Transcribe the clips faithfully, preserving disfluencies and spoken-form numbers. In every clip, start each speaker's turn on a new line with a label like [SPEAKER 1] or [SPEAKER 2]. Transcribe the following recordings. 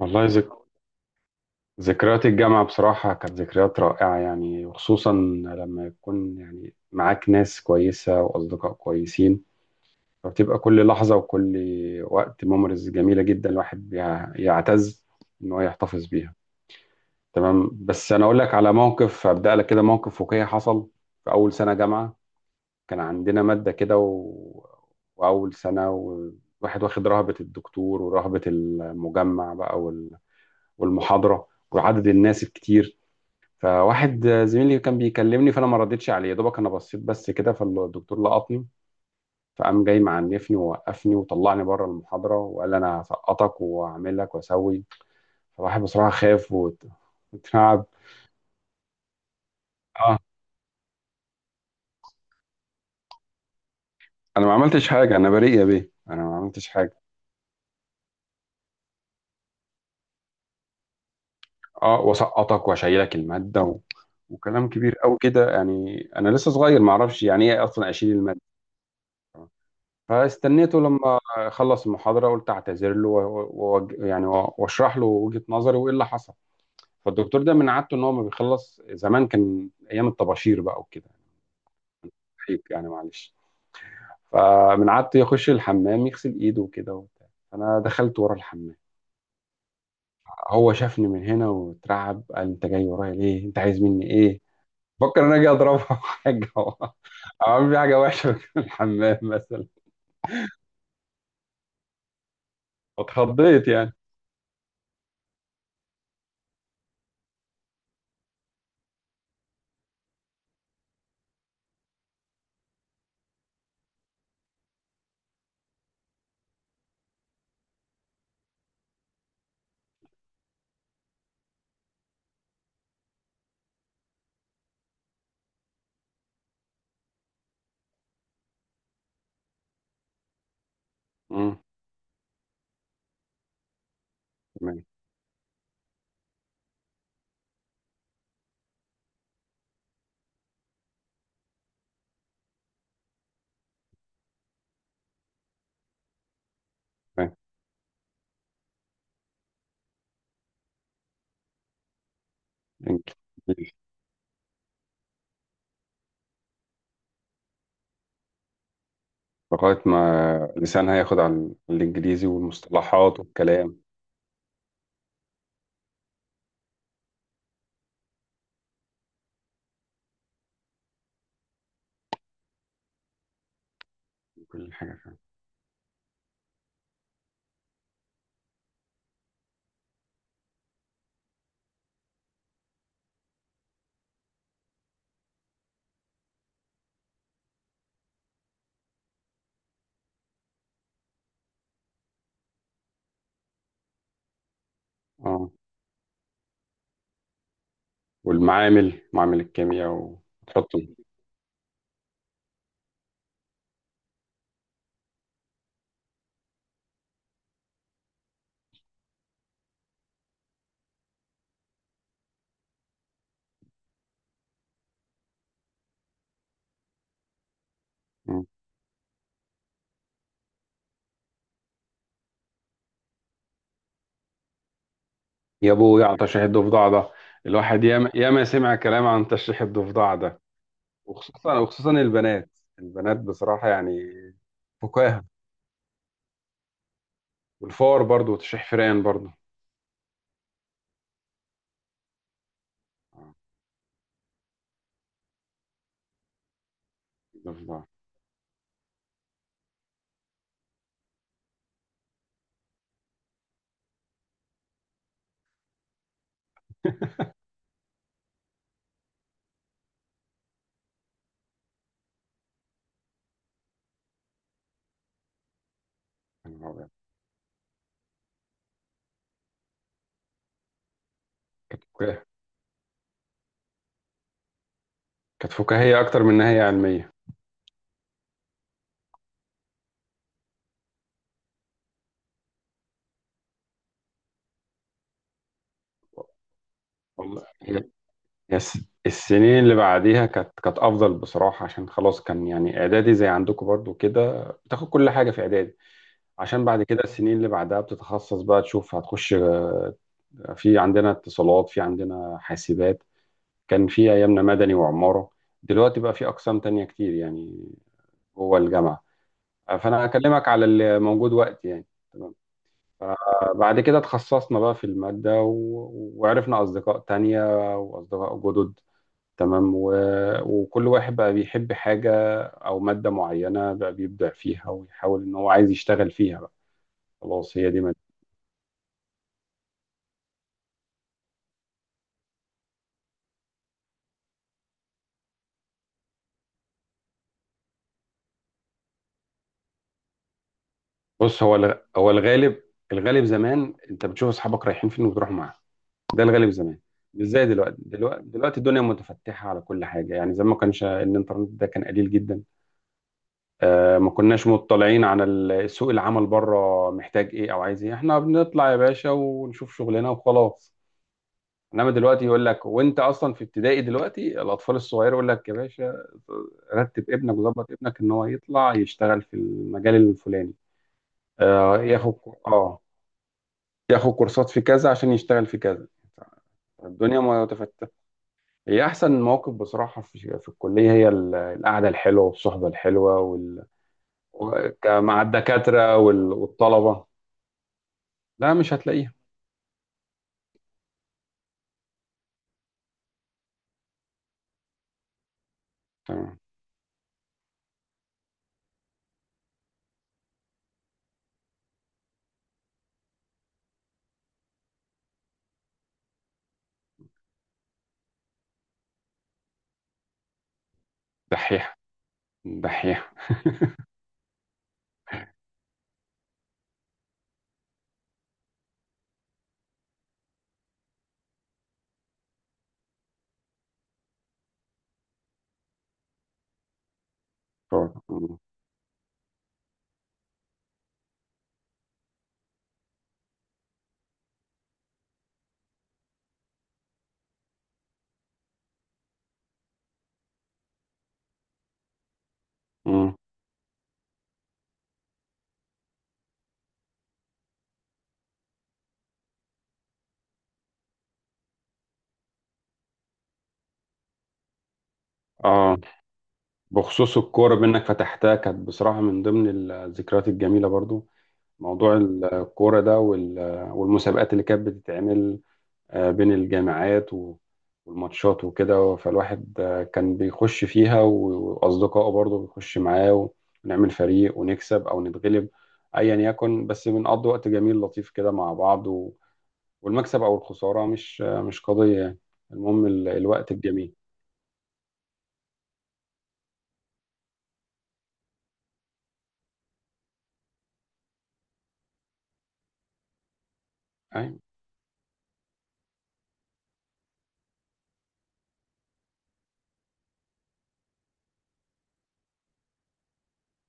[SPEAKER 1] والله ذك... ذكريات الجامعة بصراحة كانت ذكريات رائعة، يعني وخصوصا لما يكون يعني معاك ناس كويسة وأصدقاء كويسين. فبتبقى كل لحظة وكل وقت ميموريز جميلة جدا، الواحد بيع- يعتز إن هو يحتفظ بيها. تمام، بس أنا أقول لك على موقف، أبدأ لك كده موقف واقعي حصل في أول سنة جامعة. كان عندنا مادة كده و... وأول سنة، والواحد واخد رهبة الدكتور ورهبة المجمع بقى وال... والمحاضرة وعدد الناس الكتير. فواحد زميلي كان بيكلمني، فانا ما ردتش عليه، يا دوبك انا بصيت بس كده، فالدكتور لقطني. فقام جاي معنفني ووقفني وطلعني بره المحاضره، وقال لي انا هسقطك وهعمل لك واسوي. فالواحد بصراحه خاف وت- وتعب. اه، انا ما عملتش حاجه، انا بريء يا بيه، انا ما عملتش حاجه. اه واسقطك واشيلك الماده و... وكلام كبير قوي كده يعني، انا لسه صغير ما اعرفش يعني ايه اصلا اشيل الماده. فاستنيته لما خلص المحاضره، قلت اعتذر له و... و... وأوج- يعني و- واشرح له وجهه نظري وايه اللي حصل. فالدكتور ده من عادته ان هو ما بيخلص، زمان كان ايام الطباشير بقى وكده، حيك يعني معلش. فمن عادته يخش الحمام يغسل ايده وكده وبتاع. فانا دخلت ورا الحمام، هو شافني من هنا واترعب، قال انت جاي ورايا ليه؟ انت عايز مني ايه؟ فكر ان انا اجي اضربه أو حاجه، أو اعمل فيه حاجه وحشه في الحمام مثلا. اتخضيت يعني. امم تمام، تمام. انت لغايه ما لسانها ياخد على الانجليزي والمصطلحات والكلام وكل حاجه، فاهم. اه، والمعامل، معامل الكيمياء وتحطهم. مم. يا ابو يا على تشريح الضفدع ده، الواحد ياما ياما سمع كلام عن تشريح الضفدع ده. وخصوصا وخصوصا البنات، البنات بصراحة يعني فكاهة. والفار برضو، وتشريح فرقان برضو. آه، الضفدع. يا نهار أبيض. كانت فكاهة، كانت فكاهية أكتر من إن هي علمية. والله هي، هي الس- السنين اللي بعديها كانت كانت أفضل بصراحة، عشان خلاص كان يعني إعدادي زي عندكم برضو كده، بتاخد كل حاجة في إعدادي. عشان بعد كده السنين اللي بعدها بتتخصص بقى، تشوف هتخش آه، في عندنا اتصالات، في عندنا حاسبات. كان في ايامنا مدني وعمارة، دلوقتي بقى في اقسام تانية كتير يعني جوه الجامعة. آه، فانا هكلمك على اللي موجود وقت يعني. تمام. آه، بعد كده اتخصصنا بقى في المادة و... وعرفنا اصدقاء تانية واصدقاء جدد. تمام، و... وكل واحد بقى بيحب حاجة او مادة معينة، بقى بيبدع فيها ويحاول ان هو عايز يشتغل فيها بقى. خلاص، هي دي. بص، هو الغ- هو الغالب، الغالب زمان انت بتشوف اصحابك رايحين فين وبتروح معاهم. ده الغالب زمان، مش زي دلوقتي. دلوقتي دلوقتي الدنيا متفتحه على كل حاجه يعني، زمان ما كانش الانترنت، ده كان قليل جدا. آه، ما كناش مطلعين على ال- سوق العمل بره محتاج ايه او عايز ايه، احنا بنطلع يا باشا ونشوف شغلنا وخلاص. انما دلوقتي يقول لك وانت اصلا في ابتدائي دلوقتي، الاطفال الصغيره، يقول لك يا باشا رتب ابنك وظبط ابنك ان هو يطلع يشتغل في المجال الفلاني. آه، ياخد، اه ياخد كورسات في كذا عشان يشتغل في كذا. الدنيا متفتحة. هي أحسن مواقف بصراحة في، في الكلية، هي ال- القعدة الحلوة والصحبة الحلوة وال... و- ك- مع الدكاترة وال... والطلبة. لا، مش هتلاقيها. تمام. دحيحة، دحيحة. مم. مم. اه، بخصوص الكورة بأنك فتحتها، كانت بصراحة من ضمن الذكريات الجميلة برضو. موضوع الكورة ده وال... والمسابقات اللي كانت بتتعمل آه، بين الجامعات و- والماتشات وكده. فالواحد آه، كان بيخش فيها و- وأصدقائه برضه بيخش معاه، ونعمل فريق ونكسب أو نتغلب، أيا يكن. بس بنقضي وقت جميل لطيف كده مع بعض، و- والمكسب أو الخسارة مش آه، مش قضية يعني. المهم ال- الوقت الجميل. أي.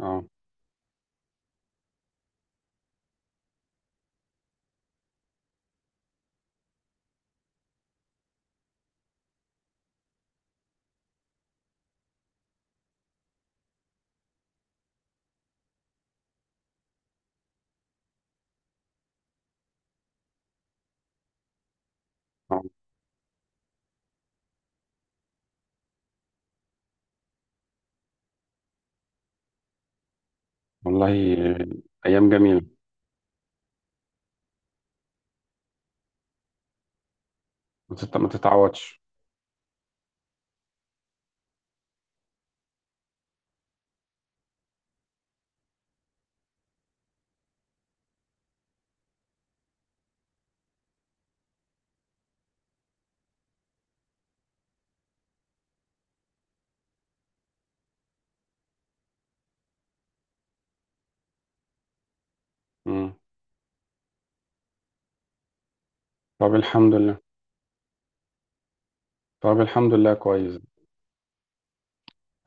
[SPEAKER 1] أه. آه. والله آه، أيام جميلة. ما تت- ما تتعوضش. مم. طب الحمد لله، طب الحمد لله كويس.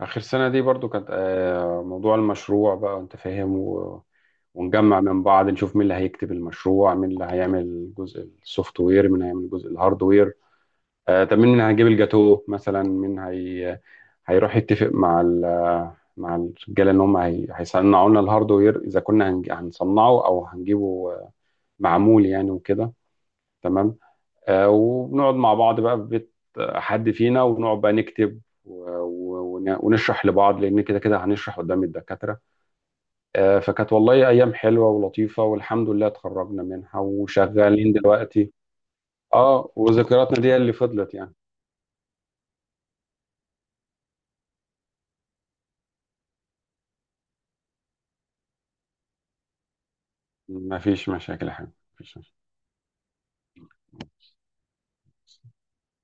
[SPEAKER 1] آخر سنة دي برضو كانت آه، موضوع المشروع بقى أنت فاهم. ونجمع من بعض نشوف مين اللي هيكتب المشروع، مين اللي هيعمل الجزء السوفت وير، مين هيعمل الجزء الهاردوير. آه طب مين اللي هيجيب الجاتو مثلا، مين هي هيروح يتفق مع ال مع الرجاله ان هم هي... هيصنعوا لنا الهاردوير، اذا كنا هنج... هنصنعه او هنجيبه آه، معمول يعني وكده. تمام. آه وبنقعد مع بعض بقى في بيت آه، حد فينا، ونقعد بقى نكتب و... و... ون- ونشرح لبعض، لان كده كده هنشرح قدام الدكاتره. آه، فكانت والله ايام حلوه ولطيفه، والحمد لله اتخرجنا منها وشغالين دلوقتي. اه، وذكرياتنا دي اللي فضلت يعني. ما فيش مشاكل يا حبيبي، مفيش مشاكل.